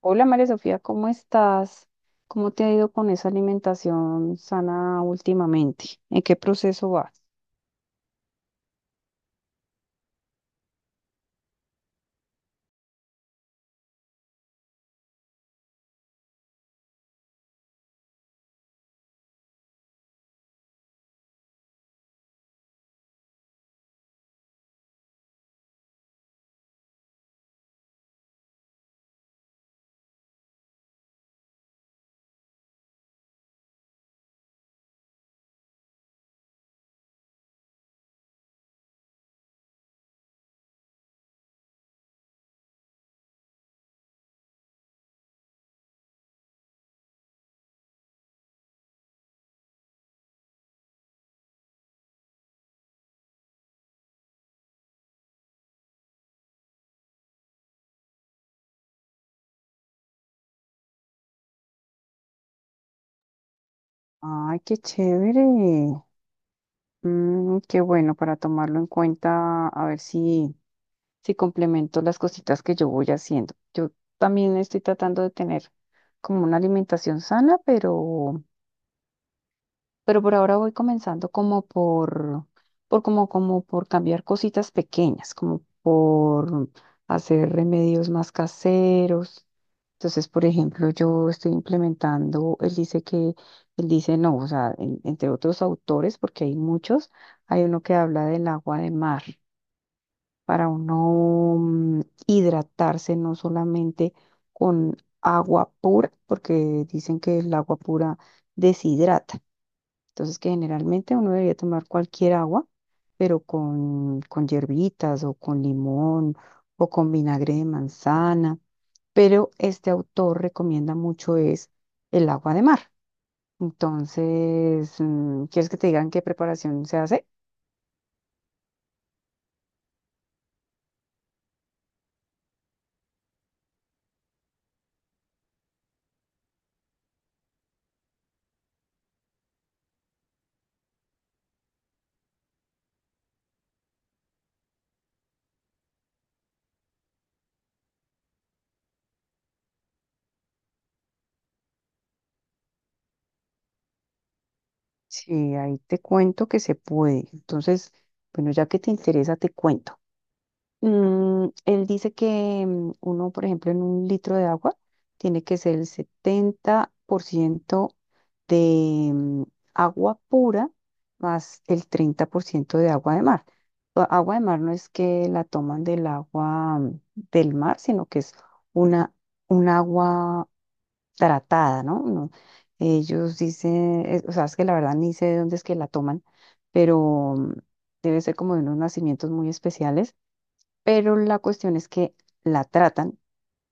Hola María Sofía, ¿cómo estás? ¿Cómo te ha ido con esa alimentación sana últimamente? ¿En qué proceso vas? Ay, qué chévere. Qué bueno para tomarlo en cuenta, a ver si complemento las cositas que yo voy haciendo. Yo también estoy tratando de tener como una alimentación sana, pero por ahora voy comenzando como por cambiar cositas pequeñas, como por hacer remedios más caseros. Entonces, por ejemplo, yo estoy implementando, él dice que, él dice no, o sea, entre otros autores, porque hay muchos, hay uno que habla del agua de mar, para uno hidratarse no solamente con agua pura, porque dicen que el agua pura deshidrata. Entonces, que generalmente uno debería tomar cualquier agua, pero con hierbitas o con limón o con vinagre de manzana. Pero este autor recomienda mucho es el agua de mar. Entonces, ¿quieres que te digan qué preparación se hace? Sí, ahí te cuento que se puede. Entonces, bueno, ya que te interesa, te cuento. Él dice que uno, por ejemplo, en un litro de agua tiene que ser el 70% de agua pura más el 30% de agua de mar. Agua de mar no es que la toman del agua del mar, sino que es una, un agua tratada, ¿no? No, ellos dicen, o sea, es que la verdad ni sé de dónde es que la toman, pero debe ser como de unos nacimientos muy especiales, pero la cuestión es que la tratan,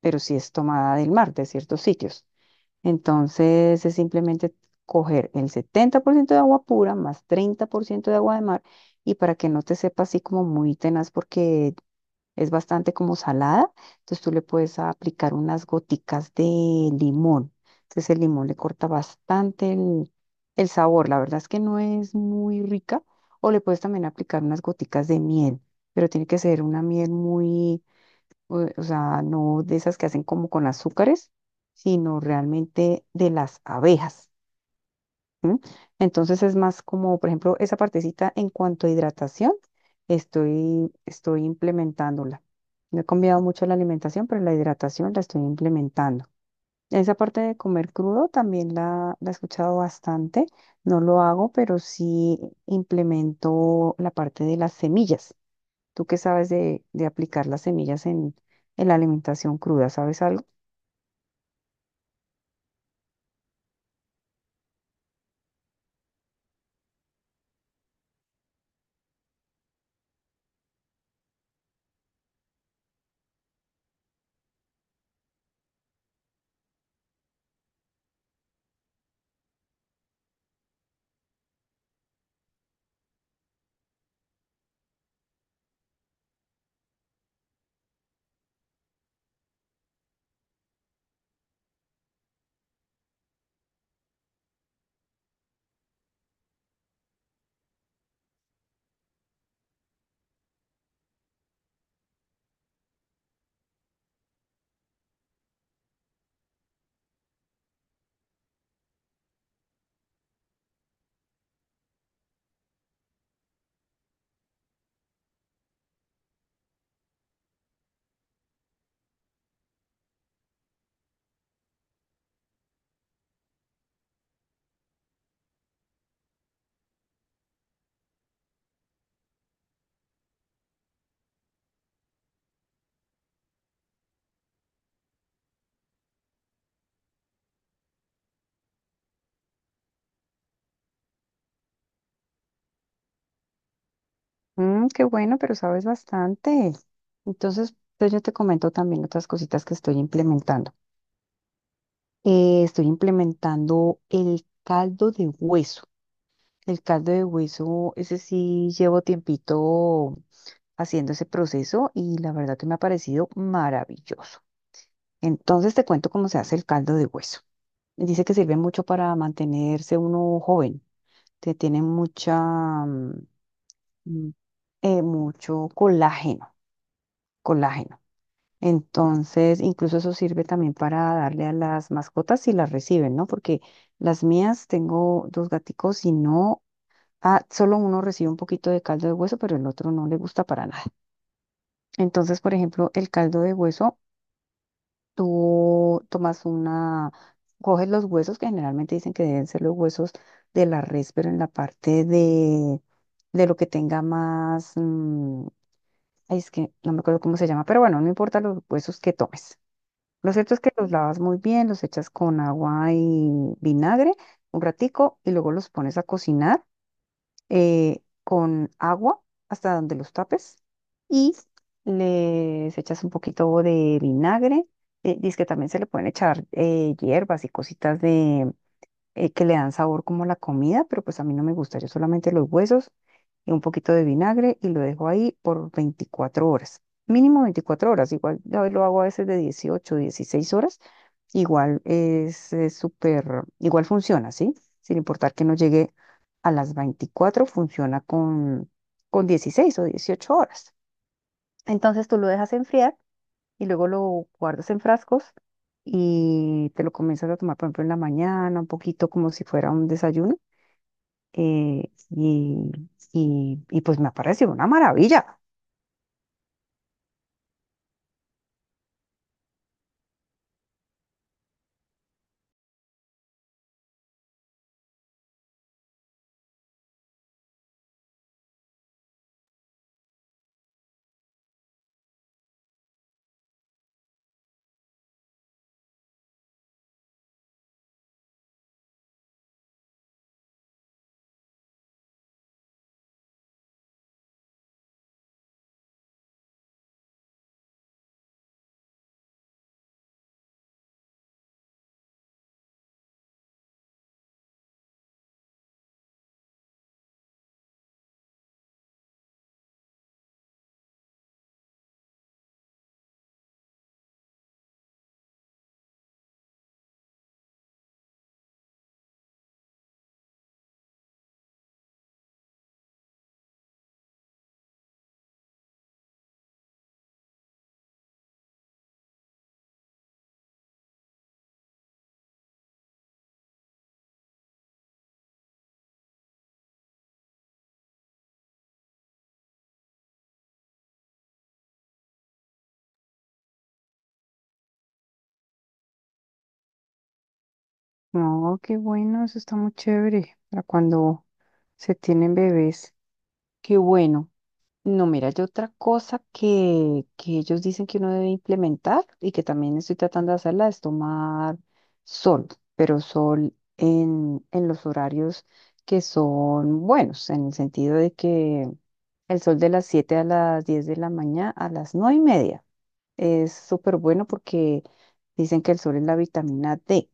pero sí es tomada del mar, de ciertos sitios. Entonces es simplemente coger el 70% de agua pura más 30% de agua de mar, y para que no te sepa así como muy tenaz porque es bastante como salada, entonces tú le puedes aplicar unas goticas de limón. Entonces el limón le corta bastante el sabor, la verdad es que no es muy rica. O le puedes también aplicar unas goticas de miel, pero tiene que ser una miel muy, o sea, no de esas que hacen como con azúcares, sino realmente de las abejas. ¿M? Entonces es más como, por ejemplo, esa partecita en cuanto a hidratación, estoy implementándola. No he cambiado mucho la alimentación, pero la hidratación la estoy implementando. Esa parte de comer crudo también la he escuchado bastante. No lo hago, pero sí implemento la parte de las semillas. ¿Tú qué sabes de aplicar las semillas en la alimentación cruda? ¿Sabes algo? Qué bueno, pero sabes bastante. Entonces, pues yo te comento también otras cositas que estoy implementando. Estoy implementando el caldo de hueso. El caldo de hueso, ese sí llevo tiempito haciendo ese proceso, y la verdad que me ha parecido maravilloso. Entonces te cuento cómo se hace el caldo de hueso. Dice que sirve mucho para mantenerse uno joven, te tiene mucha, mm, mm, mucho colágeno, colágeno. Entonces, incluso eso sirve también para darle a las mascotas si las reciben, ¿no? Porque las mías, tengo dos gaticos y no, solo uno recibe un poquito de caldo de hueso, pero el otro no le gusta para nada. Entonces, por ejemplo, el caldo de hueso, tú tomas una, coges los huesos, que generalmente dicen que deben ser los huesos de la res, pero en la parte de lo que tenga más, ay, es que no me acuerdo cómo se llama, pero bueno, no importa los huesos que tomes. Lo cierto es que los lavas muy bien, los echas con agua y vinagre un ratico y luego los pones a cocinar con agua hasta donde los tapes y les echas un poquito de vinagre. Dice que también se le pueden echar hierbas y cositas que le dan sabor como a la comida, pero pues a mí no me gusta. Yo solamente los huesos y un poquito de vinagre, y lo dejo ahí por 24 horas. Mínimo 24 horas, igual yo lo hago a veces de 18, 16 horas, igual es súper, igual funciona, ¿sí? Sin importar que no llegue a las 24, funciona con 16 o 18 horas. Entonces tú lo dejas enfriar y luego lo guardas en frascos y te lo comienzas a tomar, por ejemplo, en la mañana, un poquito como si fuera un desayuno. eh, y, y pues me ha parecido una maravilla. No, qué bueno, eso está muy chévere para cuando se tienen bebés. Qué bueno. No, mira, yo otra cosa que ellos dicen que uno debe implementar y que también estoy tratando de hacerla es tomar sol, pero sol en los horarios que son buenos, en el sentido de que el sol de las 7 a las 10 de la mañana, a las 9:30, es súper bueno porque dicen que el sol es la vitamina D,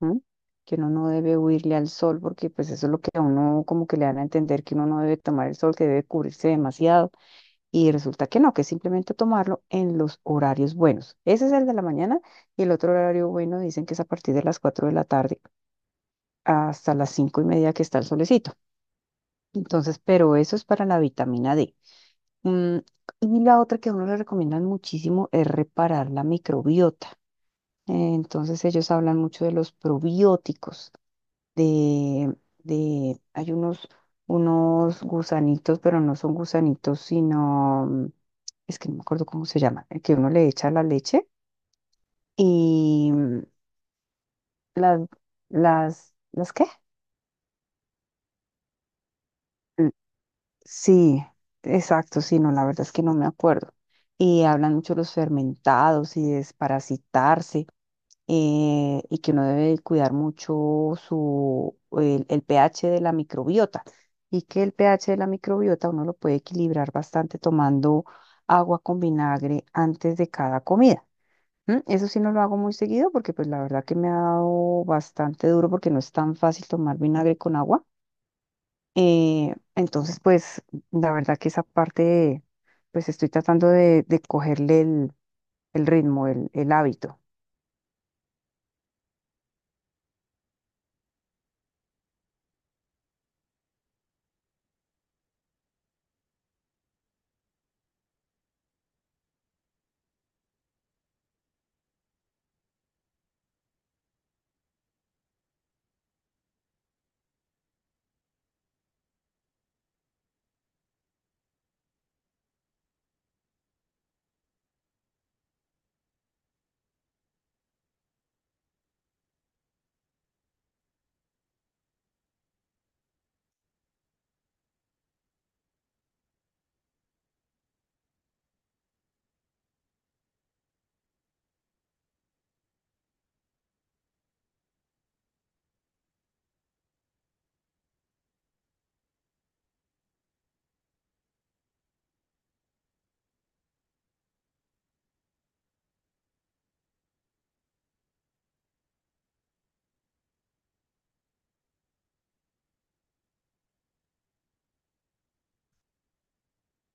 ¿m? Que uno no debe huirle al sol, porque pues eso es lo que a uno como que le dan a entender, que uno no debe tomar el sol, que debe cubrirse demasiado, y resulta que no, que es simplemente tomarlo en los horarios buenos. Ese es el de la mañana, y el otro horario bueno dicen que es a partir de las 4 de la tarde hasta las 5:30 que está el solecito. Entonces, pero eso es para la vitamina D. Mm, y la otra que a uno le recomiendan muchísimo es reparar la microbiota. Entonces ellos hablan mucho de los probióticos, de, de hay unos gusanitos, pero no son gusanitos, sino, es que no me acuerdo cómo se llama, el que uno le echa a la leche y las, ¿las qué? L- Sí, exacto, sí, no, la verdad es que no me acuerdo. Y hablan mucho de los fermentados y desparasitarse. Y que uno debe cuidar mucho su, el pH de la microbiota, y que el pH de la microbiota uno lo puede equilibrar bastante tomando agua con vinagre antes de cada comida. ¿M? Eso sí no lo hago muy seguido porque pues la verdad que me ha dado bastante duro porque no es tan fácil tomar vinagre con agua. Entonces pues la verdad que esa parte, pues estoy tratando de cogerle el ritmo, el hábito.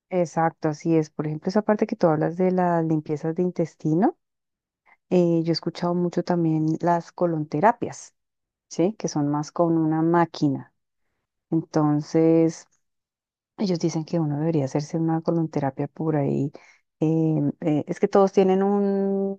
Exacto, así es. Por ejemplo, esa parte que tú hablas de las limpiezas de intestino, yo he escuchado mucho también las colonterapias, ¿sí? Que son más con una máquina. Entonces, ellos dicen que uno debería hacerse una colonterapia por ahí. Es que todos tienen un,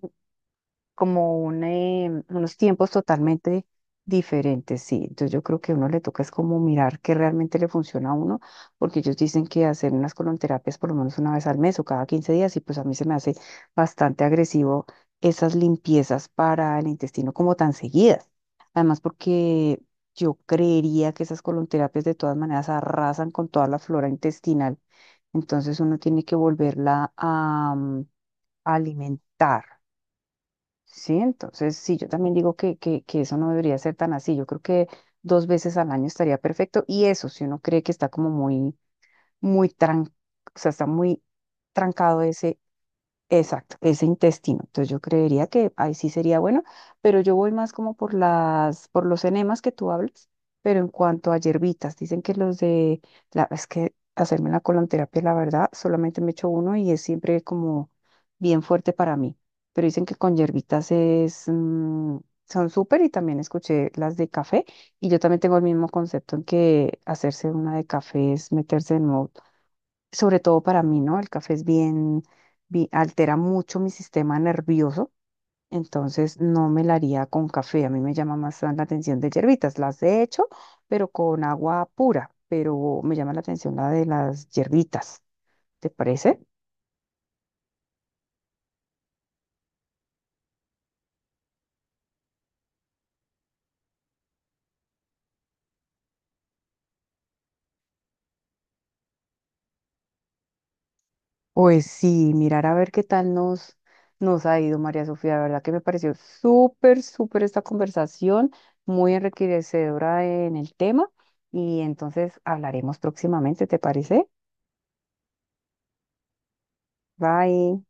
como un, unos tiempos totalmente diferentes, sí. Entonces yo creo que a uno le toca es como mirar qué realmente le funciona a uno, porque ellos dicen que hacer unas colonterapias por lo menos una vez al mes o cada 15 días, y pues a mí se me hace bastante agresivo esas limpiezas para el intestino como tan seguidas. Además, porque yo creería que esas colonterapias de todas maneras arrasan con toda la flora intestinal, entonces uno tiene que volverla a a alimentar. Sí, entonces sí, yo también digo que eso no debería ser tan así. Yo creo que dos veces al año estaría perfecto. Y eso, si uno cree que está como muy, o sea, está muy trancado ese. Exacto, ese intestino. Entonces yo creería que ahí sí sería bueno, pero yo voy más como por las, por los enemas que tú hablas, pero en cuanto a hierbitas, dicen que los de la, es que hacerme la colonterapia, la verdad, solamente me he hecho uno, y es siempre como bien fuerte para mí. Pero dicen que con hierbitas es, son súper, y también escuché las de café, y yo también tengo el mismo concepto en que hacerse una de café es meterse en modo, sobre todo para mí, ¿no? El café es bien, altera mucho mi sistema nervioso, entonces no me la haría con café. A mí me llama más la atención de hierbitas. Las he hecho, pero con agua pura, pero me llama la atención la de las hierbitas. ¿Te parece? Pues sí, mirar a ver qué tal nos ha ido, María Sofía. De verdad que me pareció súper, súper esta conversación, muy enriquecedora en el tema. Y entonces hablaremos próximamente, ¿te parece? Bye.